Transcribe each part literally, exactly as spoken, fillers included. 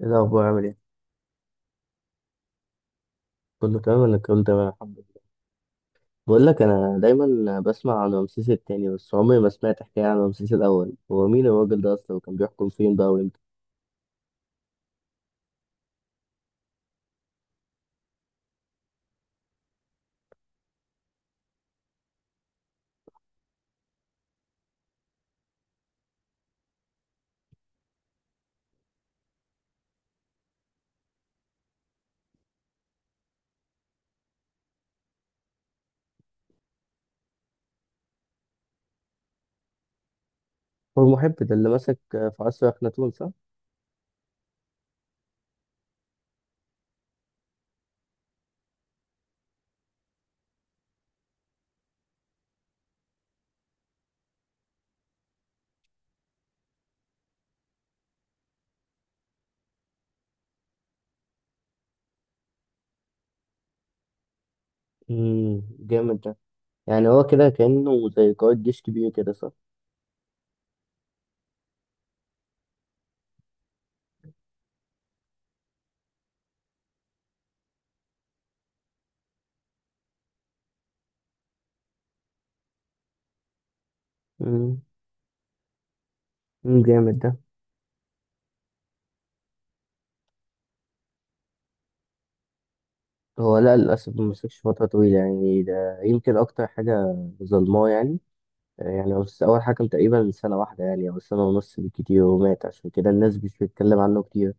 ايه الاخبار؟ عامل ايه؟ كله تمام؟ ولا كله تمام الحمد لله. بقول لك انا دايما بسمع عن رمسيس التاني بس عمري ما سمعت حكايه عن رمسيس الاول. هو مين الراجل ده اصلا؟ وكان بيحكم فين بقى وامتى؟ هو المحب ده اللي مسك في عصر اخناتون، صح؟ امم، جامد ده. يعني هو كده كانه زي قائد جيش كبير كده، صح؟ امم. أمم، جامد ده. هو لا، للاسف ما مسكش فتره طويله يعني، ده يمكن اكتر حاجه ظلماه يعني. يعني بس أول حكم تقريبا سنة واحدة يعني أو سنة ونص بالكتير ومات، عشان كده الناس مش بتتكلم عنه كتير.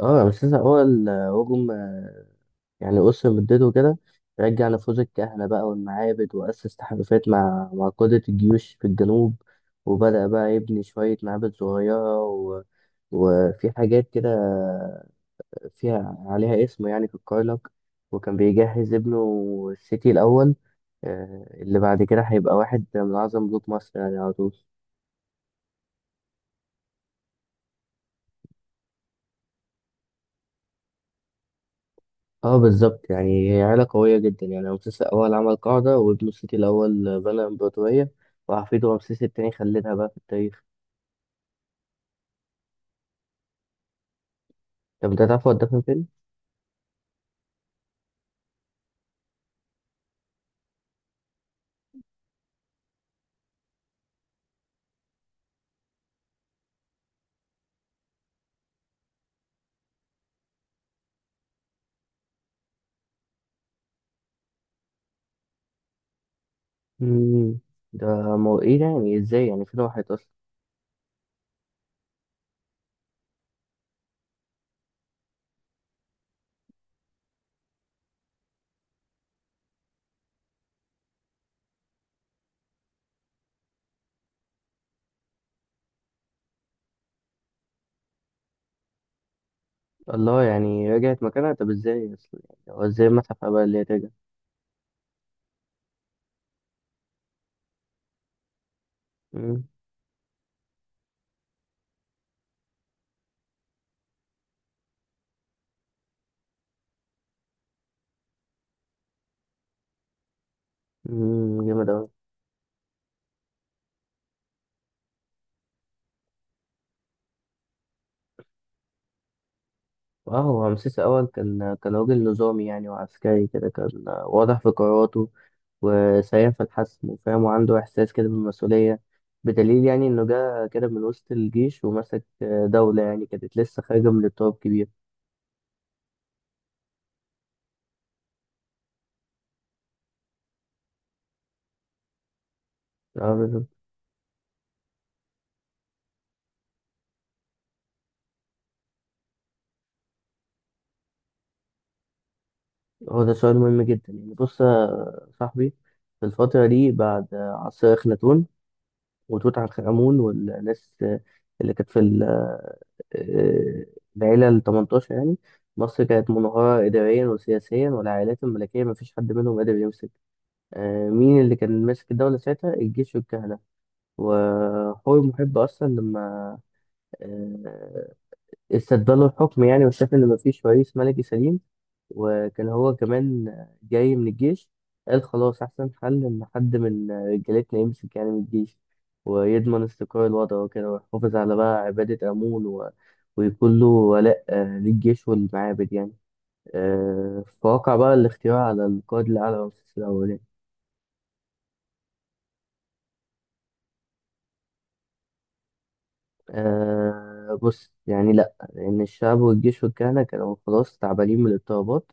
اه بس لسه هو الهجوم، يعني أسر مدته كده. رجع نفوذ الكهنة بقى والمعابد وأسس تحالفات مع مع قادة الجيوش في الجنوب، وبدأ بقى يبني شوية معابد صغيرة و... وفي حاجات كده فيها عليها اسمه يعني في الكرنك، وكان بيجهز ابنه السيتي الأول، آه، اللي بعد كده هيبقى واحد من أعظم ملوك مصر يعني على طول. اه بالظبط، يعني هي عيلة قوية جدا يعني. رمسيس الأول عمل قاعدة، وابنه السيتي الأول بنى إمبراطورية، وحفيده رمسيس التاني خلدها بقى في التاريخ. طب ده تعرف هو اتدفن فين؟ مم. ده مو ايه ده؟ يعني ازاي؟ يعني فين راحت أصلا؟ الله، يعني رجعت مكانها. طب ازاي أصلا؟ يعني هو ازاي المتحف بقى اللي هي ترجع؟ مم. مم، جامد أوي. اه، هو رمسيس أول كان كان راجل نظامي يعني، وعسكري كده، كان واضح في قراراته وسريع في الحسم وفاهم وعنده إحساس كده بالمسؤولية، بدليل يعني إنه جه كده من وسط الجيش ومسك دولة يعني كانت لسه خارجة من اضطراب كبير. اه بالظبط. هو ده سؤال مهم جدا. يعني بص يا صاحبي، في الفترة دي بعد عصر أخناتون وتوت عنخ آمون والناس آه، اللي كانت في ال- آه، العيلة ال الثمنتاشر يعني، مصر كانت منهارة إداريا وسياسيا، والعائلات الملكية مفيش حد منهم قادر يمسك. آه، مين اللي كان ماسك الدولة ساعتها؟ الجيش والكهنة. وحور محب أصلا لما آه، استدبلوا الحكم يعني وشاف إن مفيش رئيس ملكي سليم، وكان هو كمان جاي من الجيش، قال خلاص أحسن حل إن حد من رجالتنا يمسك يعني من الجيش، ويضمن استقرار الوضع وكده، ويحافظ على بقى عبادة أمون و... ويكون له ولاء آه، للجيش والمعابد يعني. آه، فوقع بقى الاختيار على القائد الأعلى رمسيس الأولاني. آه بص، يعني لأ، لأن الشعب والجيش والكهنة كانوا خلاص تعبانين من الاضطرابات،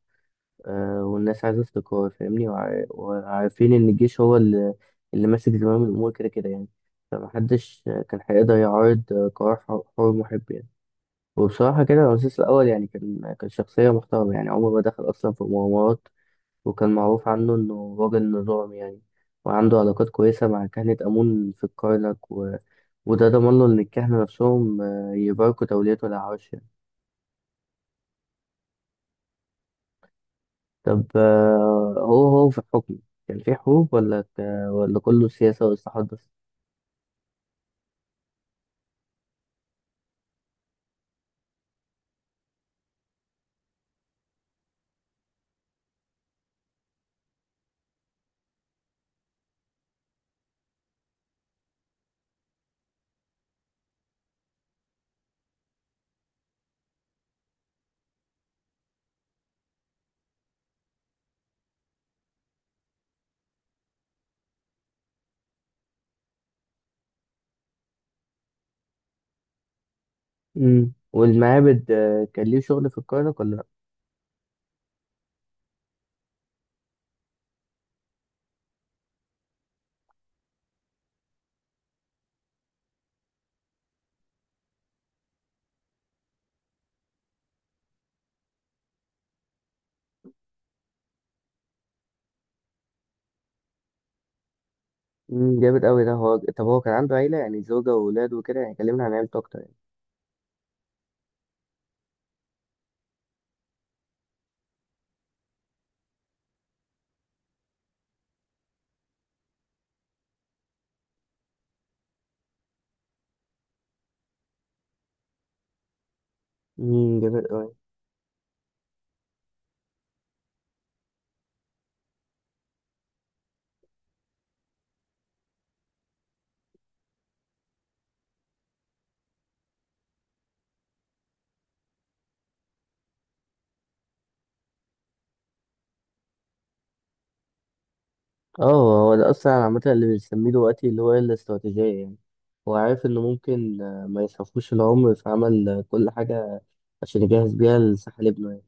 آه، والناس عايزة استقرار، فاهمني، وع- وعارفين إن الجيش هو اللي, اللي ماسك زمام الأمور كده كده يعني. فمحدش آه، كان هيقدر يعارض آه، قرار حر حر محب يعني. وبصراحة كده الرئيس الأول يعني كان كان شخصية محترمة يعني، عمره ما دخل أصلا في مغامرات، وكان معروف عنه إنه راجل نظام يعني، وعنده علاقات كويسة مع كهنة آمون في الكرنك و... وده ضمن له إن الكهنة نفسهم آه، يباركوا توليته للعرش. طب آه، هو هو في الحكم كان في حروب ولا ك... ولا كله سياسة وإصلاحات بس؟ امم، والمعابد آه، كان ليه شغل في الكرنك ولا لأ؟ امم، جامد أوي ده. هو طب هو كان عنده عيلة يعني، زوجة وأولاد وكده، يعني كلمنا عن عيلته أكتر يعني. امم، جامد قوي. اه، هو ده أصلا عامة اللي بنسميه دلوقتي اللي هو الاستراتيجية يعني. هو عارف إنه ممكن آه، ما يسعفوش العمر، فعمل آه، كل حاجة عشان يجهز بيها لساحل ابنه يعني.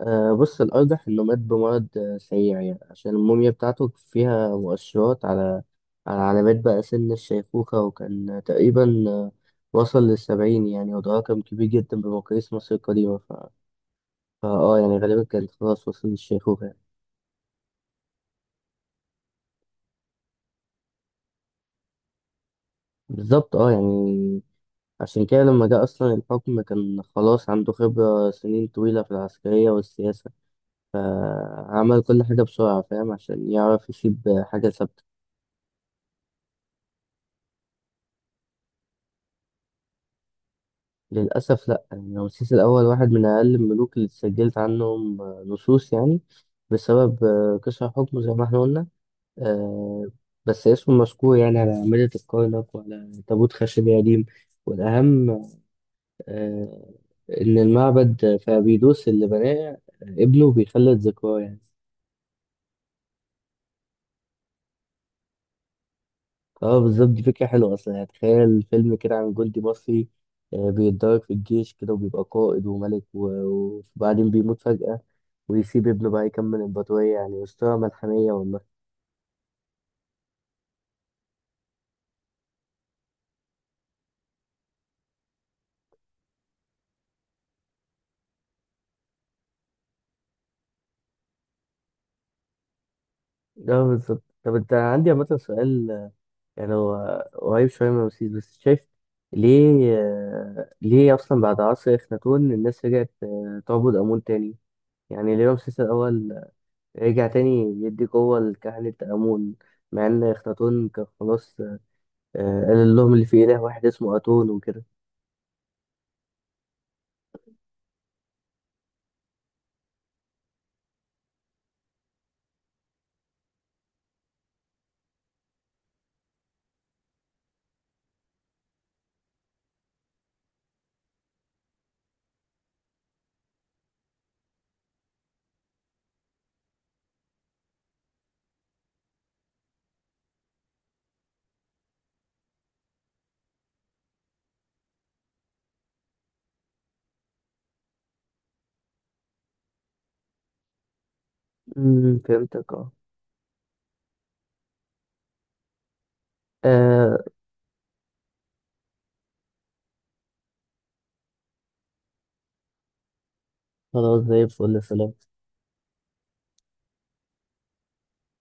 آه، بص الأرجح إنه مات بمرض آه، سريع يعني، عشان الموميا بتاعته فيها مؤشرات على على علامات بقى سن الشيخوخة، وكان آه، تقريبا آه، وصل للسبعين يعني، وده رقم كبير جدا بمقاييس مصر القديمة ف... فا اه يعني غالبا كان خلاص وصل للشيخوخة يعني. بالظبط اه يعني، عشان كده لما جه أصلا الحكم كان خلاص عنده خبرة سنين طويلة في العسكرية والسياسة، فعمل كل حاجة بسرعة فاهم عشان يعرف يسيب حاجة ثابتة. للأسف لأ، يعني رمسيس الأول واحد من أقل الملوك اللي اتسجلت عنهم آه، نصوص يعني، بسبب آه، قشع حكمه زي ما احنا قلنا. آه، بس اسمه مذكور يعني على أعمدة الكرنك وعلى تابوت خشبي قديم، والأهم آه، إن المعبد في أبيدوس اللي بناه آه، ابنه بيخلد ذكراه يعني. اه بالظبط، دي فكرة حلوة أصلا. يعني تخيل فيلم كده عن جندي مصري آه، بيتدرب في الجيش كده وبيبقى قائد وملك و- وبعدين بيموت فجأة ويسيب ابنه بقى يكمل الإمبراطورية، يعني أسطورة ملحمية والله. اه بالظبط. طب أنت عندي عامة سؤال، آه، يعني هو قريب شوية من رمسيس بس شايف ليه آه، ليه أصلا بعد عصر إخناتون الناس رجعت آه، تعبد آمون تاني؟ يعني ليه رمسيس الأول رجع تاني يدي قوة لكهنة آمون، مع إن إخناتون كان خلاص آه، قال لهم اللي في إله واحد اسمه أتون وكده. امم، فهمتك اه. آه، خلاص زي الفل، سلام.